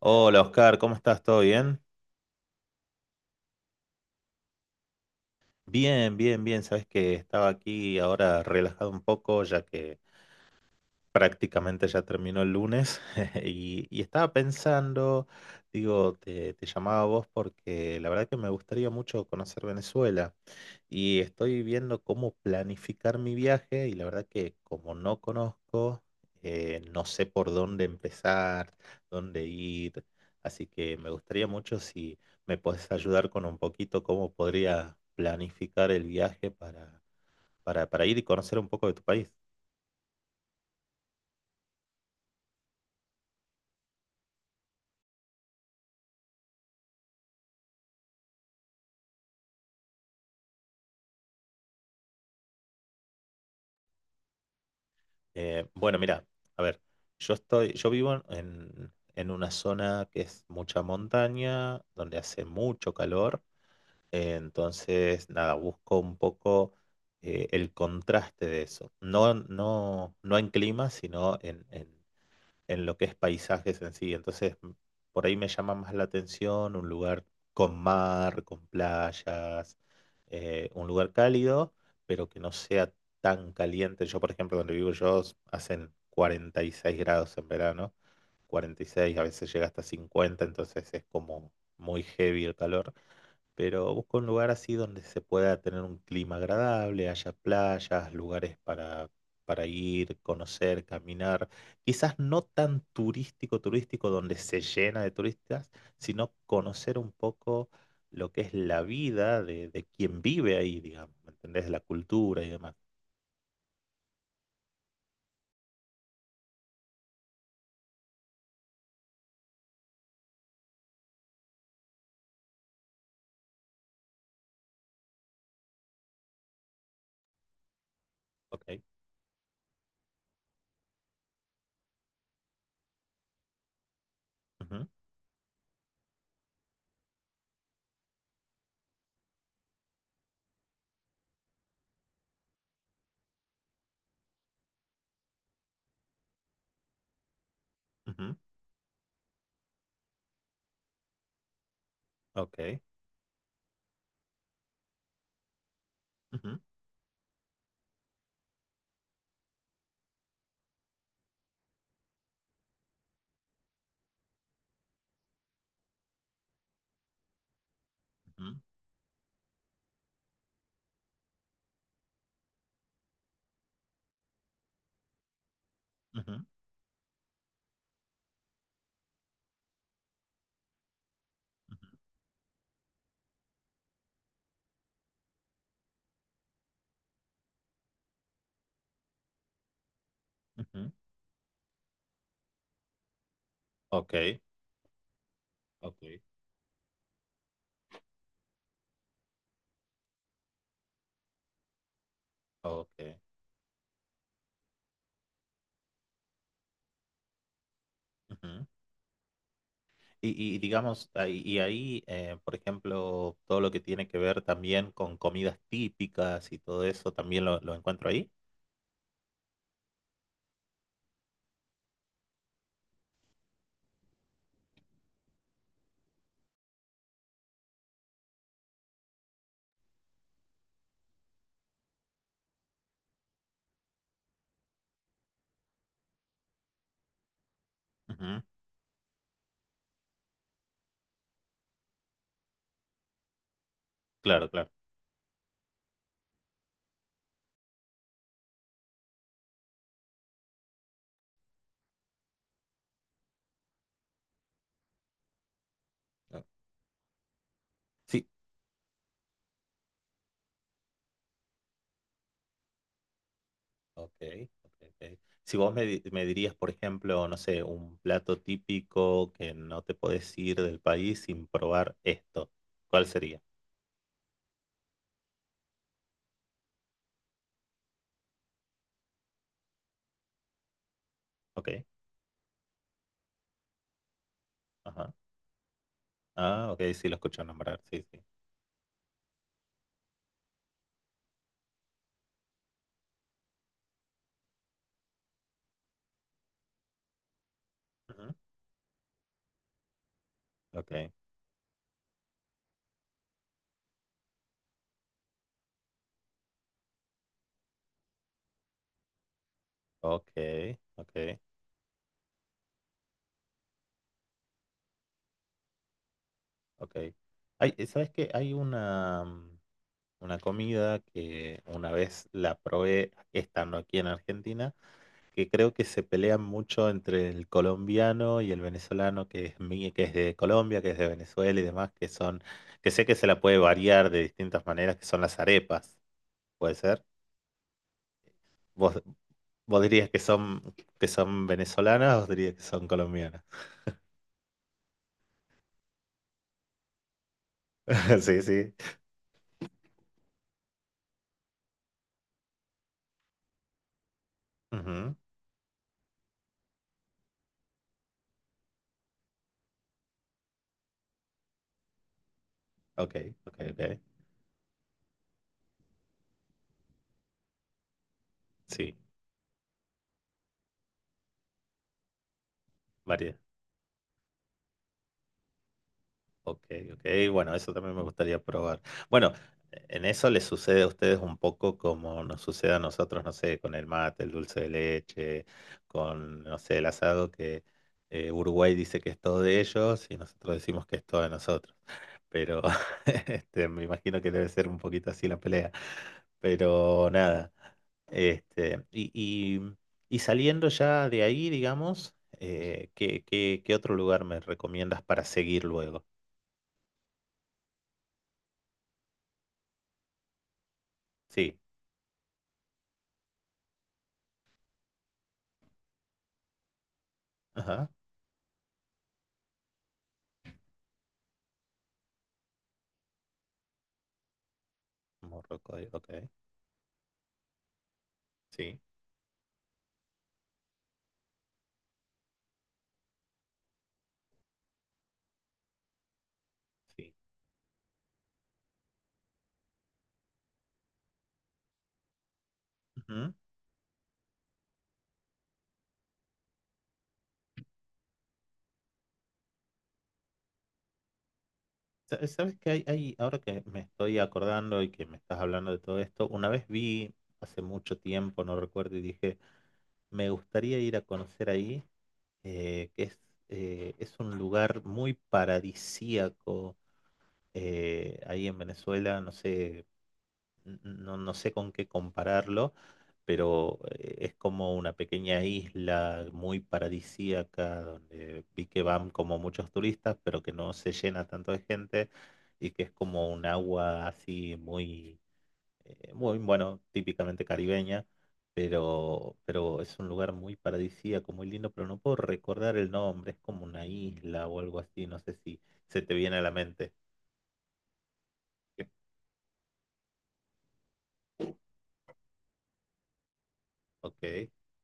Hola Oscar, ¿cómo estás? ¿Todo bien? Bien, bien, bien. Sabes que estaba aquí ahora relajado un poco ya que prácticamente ya terminó el lunes y estaba pensando, digo, te llamaba a vos porque la verdad que me gustaría mucho conocer Venezuela. Y estoy viendo cómo planificar mi viaje y la verdad que como no conozco, no sé por dónde empezar, dónde ir. Así que me gustaría mucho si me puedes ayudar con un poquito cómo podría planificar el viaje para ir y conocer un poco de tu país. Bueno, mira, a ver, yo vivo en una zona que es mucha montaña, donde hace mucho calor. Entonces, nada, busco un poco el contraste de eso. No en clima, sino en lo que es paisajes en sí. Entonces, por ahí me llama más la atención un lugar con mar, con playas, un lugar cálido, pero que no sea tan caliente. Yo, por ejemplo, donde vivo yo, hacen 46 grados en verano, 46, a veces llega hasta 50, entonces es como muy heavy el calor. Pero busco un lugar así donde se pueda tener un clima agradable, haya playas, lugares para ir, conocer, caminar. Quizás no tan turístico, donde se llena de turistas, sino conocer un poco lo que es la vida de quien vive ahí, digamos, ¿me entendés? La cultura y demás. Ok, ujú, ujú. Ok, ujú, ujú, ujú, ujú. Ok. Ok. Ok, ujú. Y digamos, por ejemplo, todo lo que tiene que ver también con comidas típicas y todo eso, también lo encuentro ahí. Ujú, claro, claro. Ah, sí. Ok, ok, ok. Si vos me dirías, por ejemplo, no sé, un plato típico que no te podés ir del país sin probar esto, ¿cuál sería? Ok, ajá. Ah, ok, sí, lo escucho nombrar, sí, sí. Ujú, ok, ok, ok, ok. Hay, ¿sabes qué? Hay una. Una comida que una vez la probé estando aquí en Argentina, que creo que se pelean mucho entre el colombiano y el venezolano, que es que es de Colombia, que es de Venezuela y demás, que son, que sé que se la puede variar de distintas maneras, que son las arepas, ¿puede ser? ¿Vos, ¿vos dirías que son venezolanas o dirías que son colombianas? Sí, sí. Ujú. Ok, ok, ok. Sí, varias. Ok, ok, bueno, eso también me gustaría probar. Bueno, en eso les sucede a ustedes un poco como nos sucede a nosotros, no sé, con el mate, el dulce de leche, con, no sé, el asado, que Uruguay dice que es todo de ellos y nosotros decimos que es todo de nosotros. Pero este, me imagino que debe ser un poquito así la pelea. Pero nada, este, y saliendo ya de ahí, digamos, qué otro lugar me recomiendas para seguir luego? Sí. Ajá, Morrocoy, ok, sí, sí. Ujú. ¿Sabes que hay, ahora que me estoy acordando y que me estás hablando de todo esto, una vez vi hace mucho tiempo, no recuerdo, y dije, me gustaría ir a conocer ahí, eh, que es, es un lugar muy paradisíaco ahí en Venezuela, no sé, no sé con qué compararlo, pero es como una pequeña isla muy paradisíaca donde vi que van como muchos turistas, pero que no se llena tanto de gente y que es como un agua así muy, muy bueno, típicamente caribeña. Pero es un lugar muy paradisíaco, muy lindo, pero no puedo recordar el nombre, es como una isla o algo así, no sé si se te viene a la mente. Ok.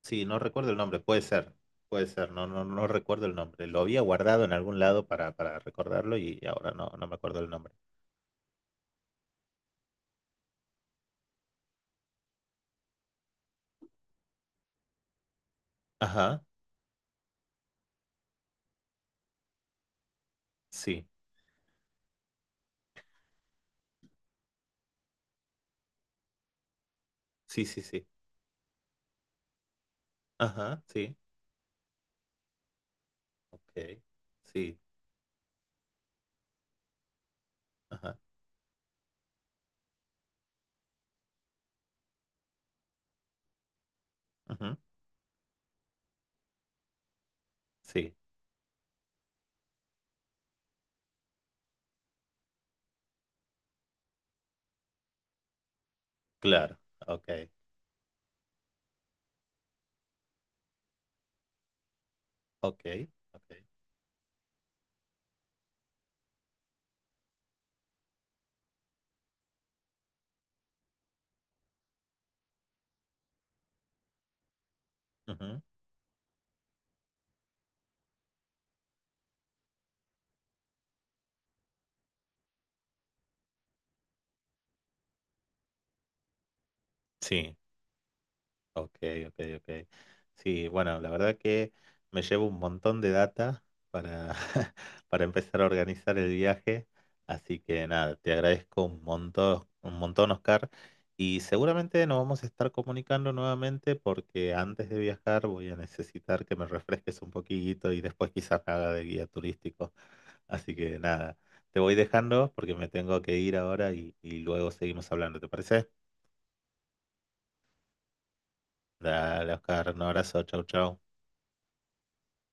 Sí, no recuerdo el nombre, puede ser, no recuerdo el nombre. Lo había guardado en algún lado para recordarlo y ahora no me acuerdo el nombre. Ajá, sí, sí, sí, sí. Ajá, sí, ok, sí, ajá, ujú, sí, claro, ok, ok, ok, ujú, sí. Ok, ok, ok. Sí, bueno, la verdad que me llevo un montón de data para, para empezar a organizar el viaje. Así que nada, te agradezco un montón, Oscar. Y seguramente nos vamos a estar comunicando nuevamente porque antes de viajar voy a necesitar que me refresques un poquito y después quizás me haga de guía turístico. Así que nada, te voy dejando porque me tengo que ir ahora y luego seguimos hablando, ¿te parece? Dale, Oscar, un abrazo, chau, chau.